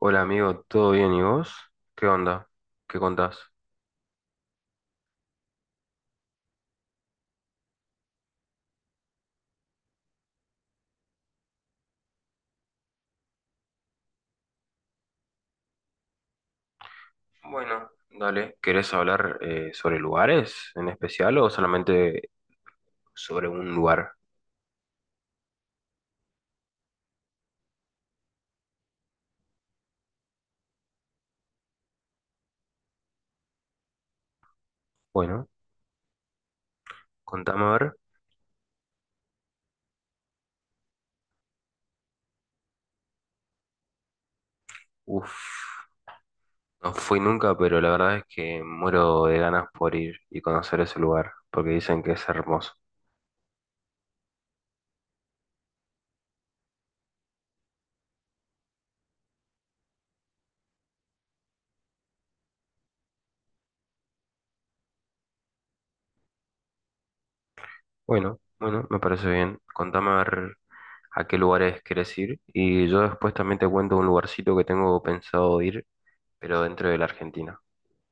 Hola amigo, ¿todo bien y vos? ¿Qué onda? ¿Qué contás? Bueno, dale. ¿Querés hablar sobre lugares en especial o solamente sobre un lugar? Bueno, contame a ver. Uf, no fui nunca, pero la verdad es que muero de ganas por ir y conocer ese lugar, porque dicen que es hermoso. Bueno, bueno, me parece bien. Contame a ver a qué lugares querés ir y yo después también te cuento un lugarcito que tengo pensado ir, pero dentro de la Argentina.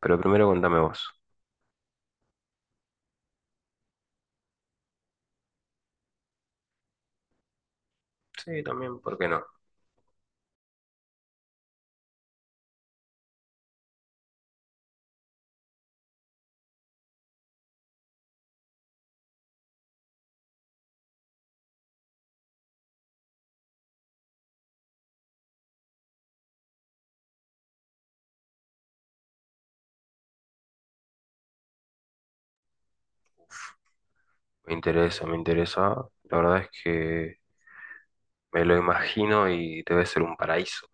Pero primero contame vos. Sí, también, ¿por qué no? Me interesa, me interesa. La verdad es que me lo imagino y debe ser un paraíso,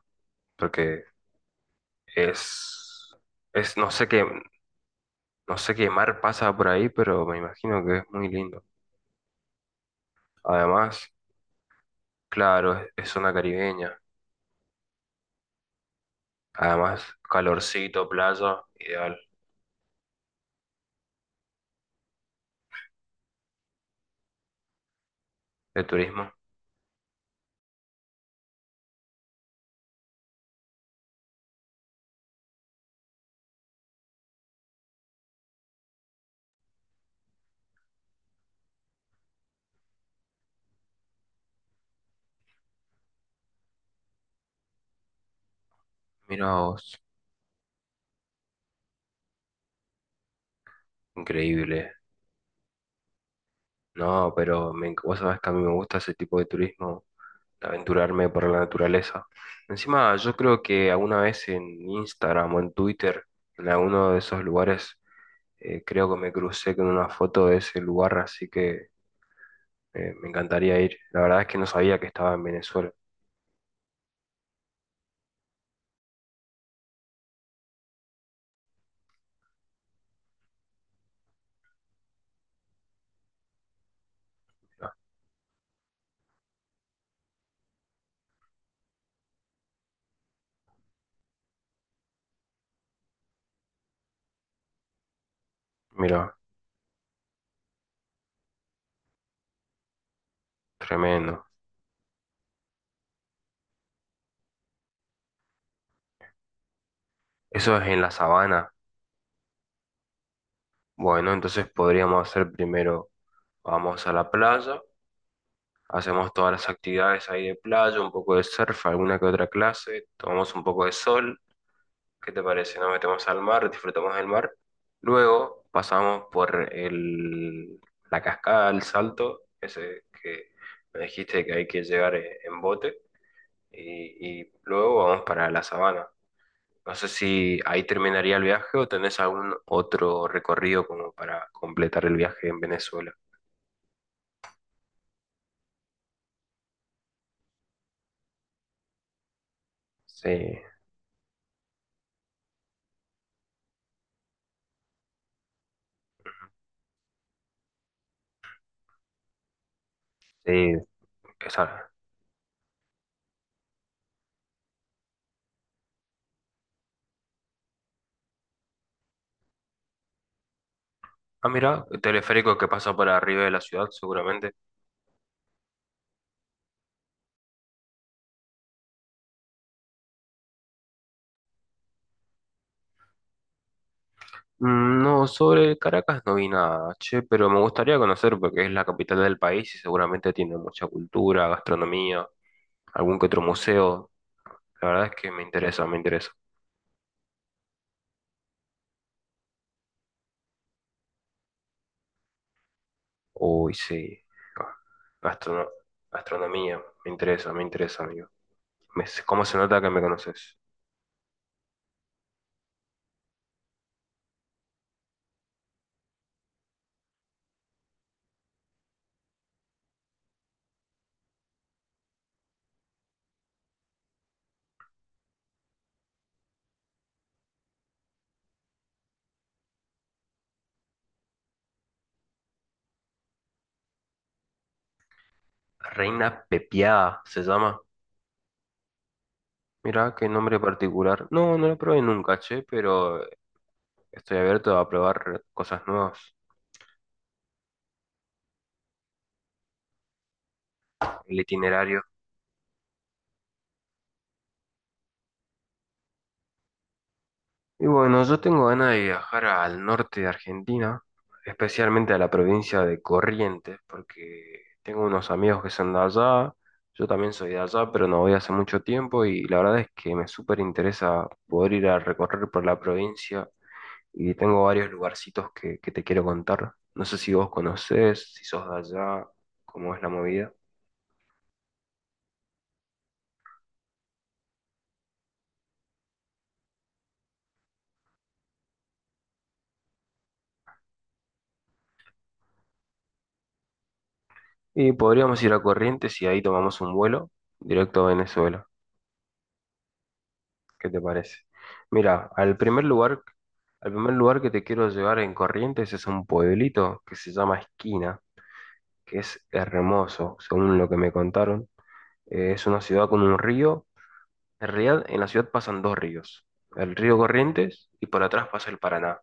porque es, no sé qué, no sé qué mar pasa por ahí, pero me imagino que es muy lindo. Además, claro, es zona caribeña. Además, calorcito, playa, ideal de turismo. Mira vos, increíble. No, pero vos sabés que a mí me gusta ese tipo de turismo, aventurarme por la naturaleza. Encima, yo creo que alguna vez en Instagram o en Twitter, en alguno de esos lugares, creo que me crucé con una foto de ese lugar, así que me encantaría ir. La verdad es que no sabía que estaba en Venezuela. Ah, mira, tremendo. Eso es en la sabana. Bueno, entonces podríamos hacer primero, vamos a la playa, hacemos todas las actividades ahí de playa, un poco de surf, alguna que otra clase, tomamos un poco de sol. ¿Qué te parece? Nos metemos al mar, disfrutamos del mar. Luego pasamos por la cascada, el salto, ese que me dijiste que hay que llegar en bote. Y luego vamos para la sabana. No sé si ahí terminaría el viaje o tenés algún otro recorrido como para completar el viaje en Venezuela. Sí, sí. Esa. Ah, mira, teleférico que pasa por arriba de la ciudad, seguramente. Mm, no, sobre Caracas no vi nada, che, pero me gustaría conocer porque es la capital del país y seguramente tiene mucha cultura, gastronomía, algún que otro museo. La verdad es que me interesa, me interesa. Uy, sí. Ah, Gastrono- gastronomía, me interesa, amigo. ¿Cómo se nota que me conoces? Reina Pepiada se llama. Mirá, qué nombre particular. No, no lo probé nunca, che, pero estoy abierto a probar cosas nuevas. El itinerario. Y bueno, yo tengo ganas de viajar al norte de Argentina, especialmente a la provincia de Corrientes, porque tengo unos amigos que son de allá, yo también soy de allá, pero no voy hace mucho tiempo y la verdad es que me súper interesa poder ir a recorrer por la provincia y tengo varios lugarcitos que te quiero contar. No sé si vos conocés, si sos de allá, cómo es la movida. Y podríamos ir a Corrientes y ahí tomamos un vuelo directo a Venezuela. ¿Qué te parece? Mira, al primer lugar que te quiero llevar en Corrientes es un pueblito que se llama Esquina, que es hermoso, según lo que me contaron. Es una ciudad con un río. En realidad, en la ciudad pasan dos ríos, el río Corrientes y por atrás pasa el Paraná.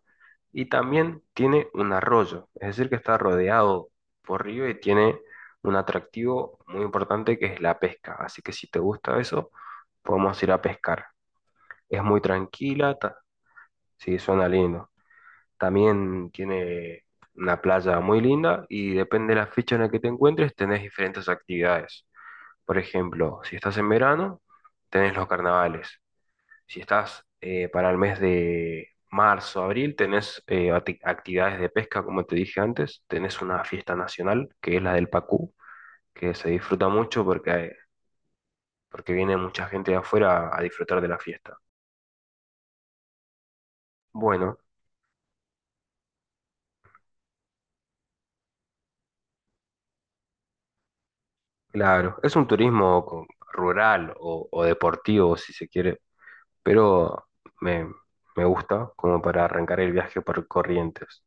Y también tiene un arroyo, es decir, que está rodeado por río y tiene un atractivo muy importante que es la pesca. Así que si te gusta eso, podemos ir a pescar. Es muy tranquila, sí, suena lindo. También tiene una playa muy linda y depende de la fecha en la que te encuentres, tenés diferentes actividades. Por ejemplo, si estás en verano, tenés los carnavales. Si estás para el mes de marzo, abril, tenés actividades de pesca, como te dije antes. Tenés una fiesta nacional, que es la del Pacú, que se disfruta mucho porque, porque viene mucha gente de afuera a disfrutar de la fiesta. Bueno. Claro, es un rural o deportivo, si se quiere, pero me, me gusta como para arrancar el viaje por Corrientes.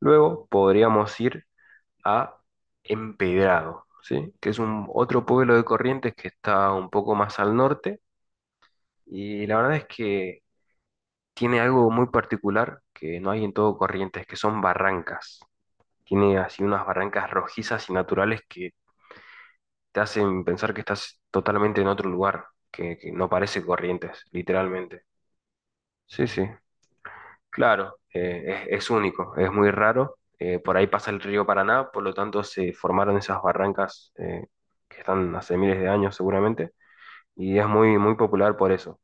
Luego podríamos ir a Empedrado, ¿sí? Que es un otro pueblo de Corrientes que está un poco más al norte y la verdad es que tiene algo muy particular que no hay en todo Corrientes, que son barrancas. Tiene así unas barrancas rojizas y naturales que te hacen pensar que estás totalmente en otro lugar, que no parece Corrientes, literalmente. Sí, sí, claro, es único, es muy raro. Por ahí pasa el río Paraná, por lo tanto se formaron esas barrancas que están hace miles de años seguramente, y es muy, muy popular por eso.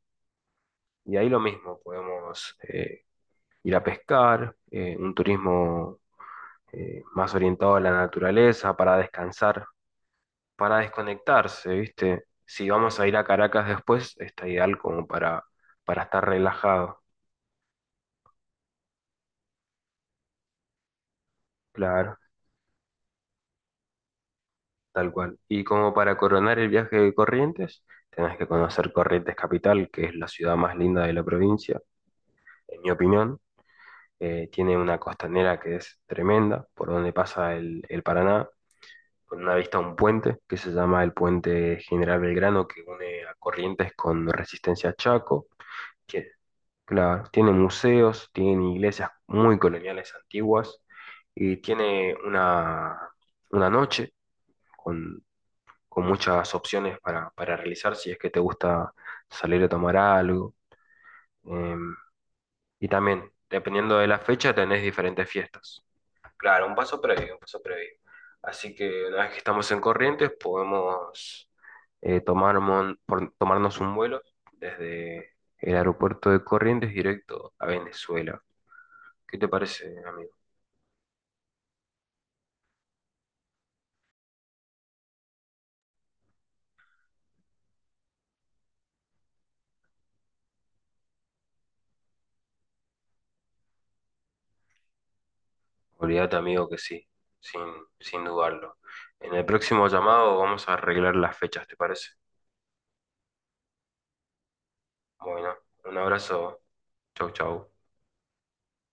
Y ahí lo mismo, podemos ir a pescar, un turismo más orientado a la naturaleza para descansar, para desconectarse, ¿viste? Si vamos a ir a Caracas después, está ideal como para estar relajado, claro, tal cual. Y como para coronar el viaje de Corrientes, tenés que conocer Corrientes Capital, que es la ciudad más linda de la provincia, en mi opinión. Tiene una costanera que es tremenda, por donde pasa el Paraná, con una vista a un puente que se llama el Puente General Belgrano, que une a Corrientes con Resistencia Chaco. Que Claro, tiene museos, tiene iglesias muy coloniales antiguas y tiene una noche con, con muchas opciones para realizar si es que te gusta salir a tomar algo. em, y también, dependiendo de la fecha, tenés diferentes fiestas. Claro, un paso previo, un paso previo. Así que una vez que estamos en Corrientes, podemos tomarnos un vuelo desde el aeropuerto de Corrientes directo a Venezuela. ¿Qué te parece, amigo? Olvídate, amigo, que sí, sin, sin dudarlo. En el próximo llamado vamos a arreglar las fechas, ¿te parece? Bueno, un abrazo. Chau, chau.